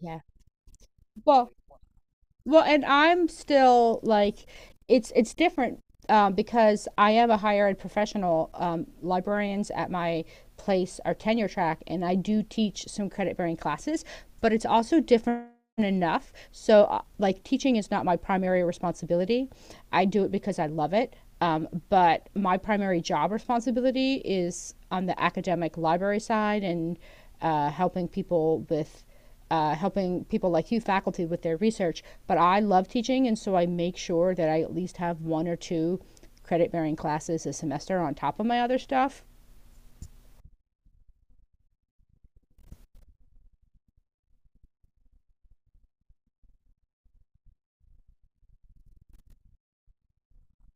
Yeah. Well, and I'm still like, it's different, because I am a higher ed professional. Librarians at my place are tenure track, and I do teach some credit bearing classes, but it's also different enough. So, like, teaching is not my primary responsibility. I do it because I love it. But my primary job responsibility is on the academic library side and helping people with helping people like you, faculty, with their research. But I love teaching, and so I make sure that I at least have one or two credit bearing classes a semester on top of my other stuff.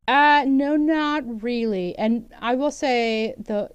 No, not really. And I will say the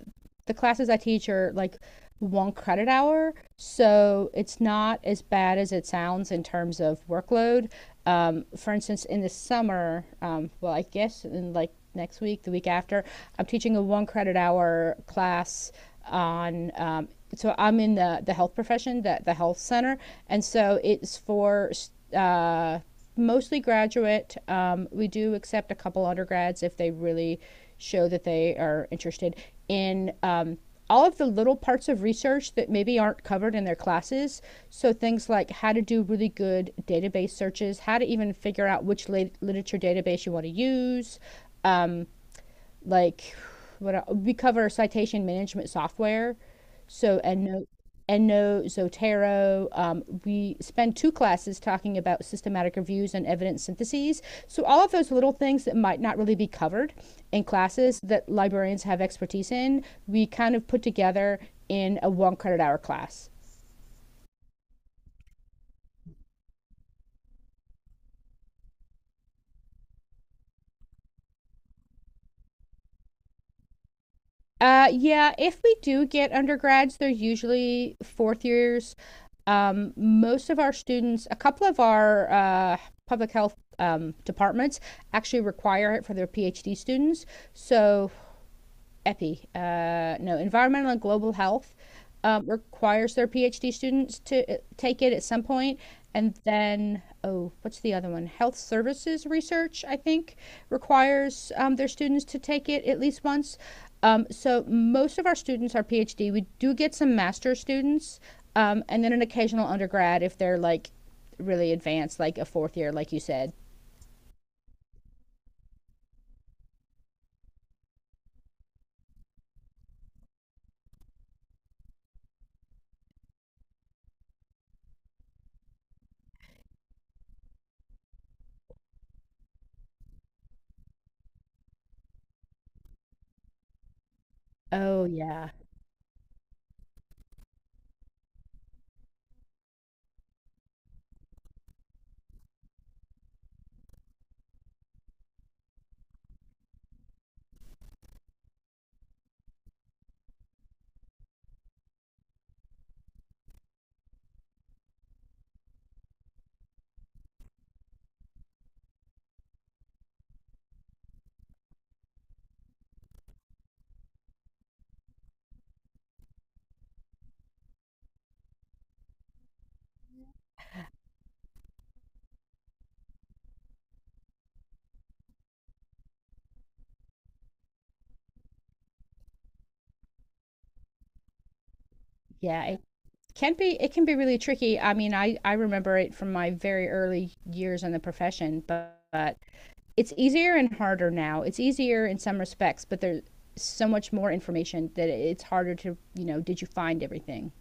the classes I teach are like one credit hour, so it's not as bad as it sounds in terms of workload. For instance, in the summer, well, I guess in like next week, the week after, I'm teaching a one credit hour class on so I'm in the health profession, the health center, and so it's for uh mostly graduate. We do accept a couple undergrads if they really show that they are interested in all of the little parts of research that maybe aren't covered in their classes. So things like how to do really good database searches, how to even figure out which literature database you want to use, like what we cover citation management software. So EndNote, EndNote, Zotero. We spend two classes talking about systematic reviews and evidence syntheses. So all of those little things that might not really be covered in classes that librarians have expertise in, we kind of put together in a one credit hour class. Yeah, if we do get undergrads, they're usually fourth years. Most of our students, a couple of our public health departments actually require it for their PhD students. So EPI, no, Environmental and Global Health, requires their PhD students to take it at some point. And then, oh, what's the other one? Health Services Research, I think, requires their students to take it at least once. So most of our students are PhD. We do get some master students, and then an occasional undergrad if they're like really advanced, like a fourth year, like you said. Oh yeah, yeah. can be it can be really tricky. I mean, I remember it from my very early years in the profession, but it's easier and harder now. It's easier in some respects, but there's so much more information that it's harder to, you know, did you find everything?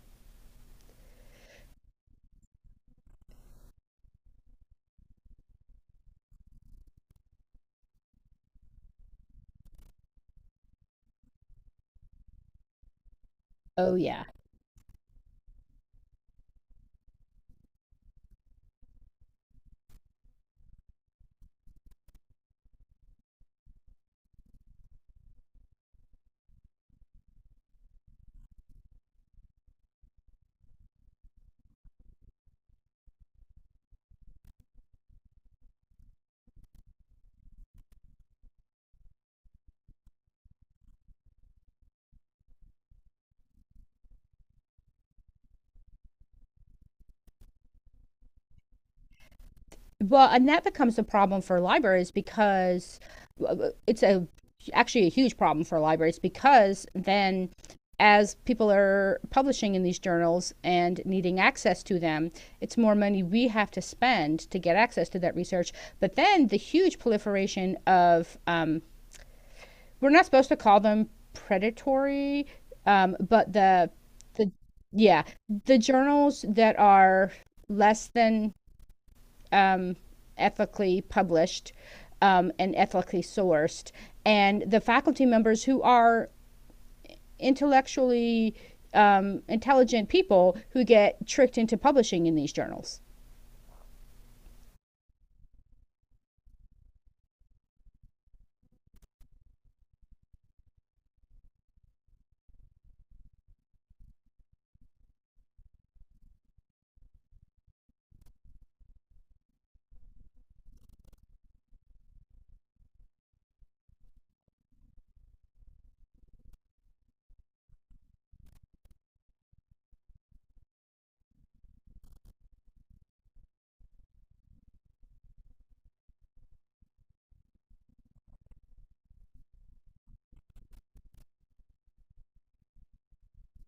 Oh yeah. Well, and that becomes a problem for libraries because it's a actually a huge problem for libraries because then as people are publishing in these journals and needing access to them, it's more money we have to spend to get access to that research. But then the huge proliferation of, we're not supposed to call them predatory, but the, yeah, the journals that are less than, um, ethically published, and ethically sourced, and the faculty members who are intellectually, intelligent people who get tricked into publishing in these journals.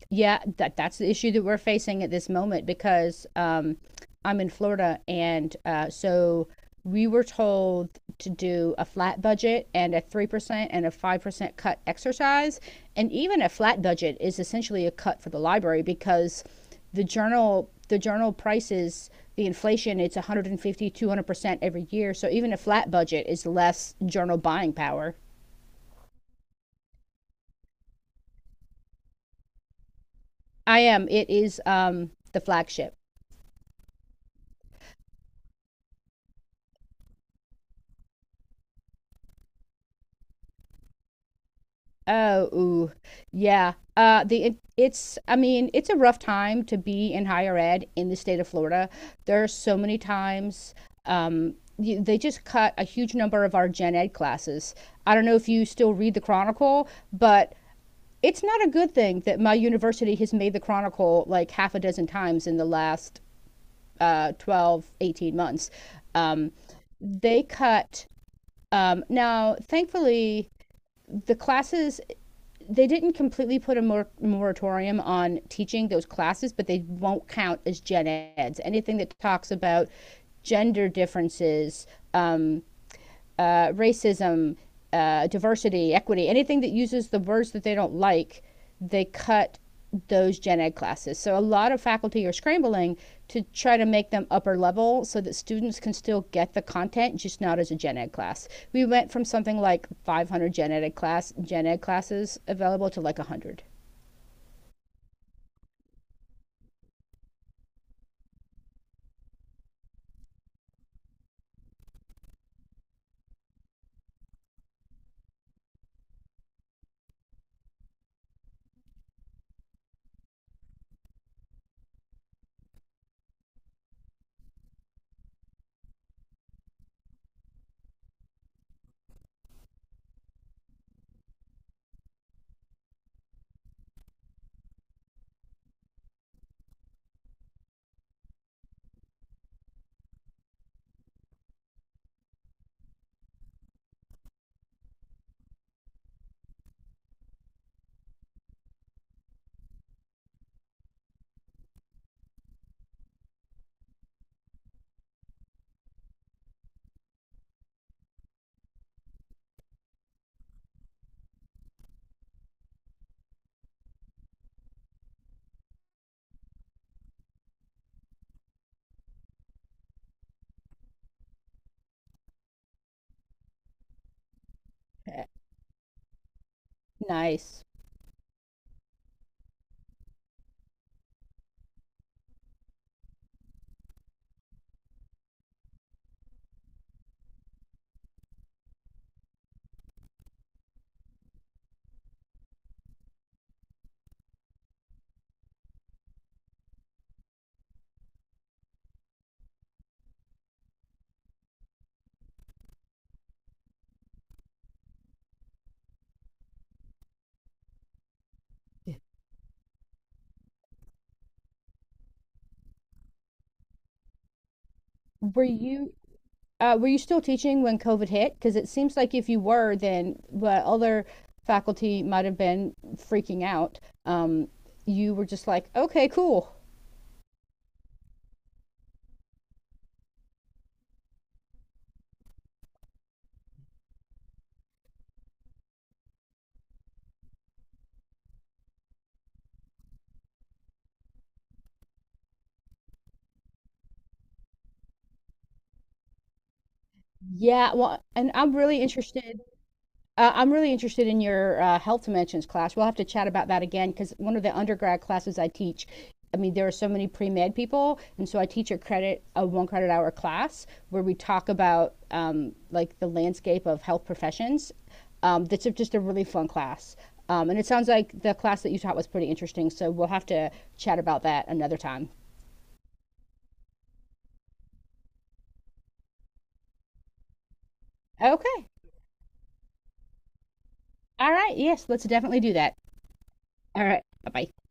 Yeah, that's the issue that we're facing at this moment because, I'm in Florida, and so we were told to do a flat budget and a 3% and a 5% cut exercise, and even a flat budget is essentially a cut for the library because the journal prices, the inflation, it's one hundred and fifty two hundred percent every year. So even a flat budget is less journal buying power. I am. It is, the flagship. Oh, ooh. Yeah. It's I mean, it's a rough time to be in higher ed in the state of Florida. There are so many times, you, they just cut a huge number of our gen ed classes. I don't know if you still read the Chronicle, but it's not a good thing that my university has made the Chronicle like half a dozen times in the last 12, 18 months. Um, they cut, now, thankfully, the classes, they didn't completely put a moratorium on teaching those classes, but they won't count as gen eds. Anything that talks about gender differences, um, racism, diversity, equity, anything that uses the words that they don't like, they cut those gen ed classes. So a lot of faculty are scrambling to try to make them upper level so that students can still get the content, just not as a gen ed class. We went from something like 500 gen ed classes available to like 100. Nice. Were you were you still teaching when COVID hit? Because it seems like if you were, then but other faculty might have been freaking out. Um, you were just like, okay, cool. Yeah, well, and I'm really interested. I'm really interested in your health dimensions class. We'll have to chat about that again because one of the undergrad classes I teach, I mean, there are so many pre med people. And so I teach a one credit hour class where we talk about like the landscape of health professions. That's just a really fun class. And it sounds like the class that you taught was pretty interesting. So we'll have to chat about that another time. Okay. All right. Yes, let's definitely do that. All right. Bye bye.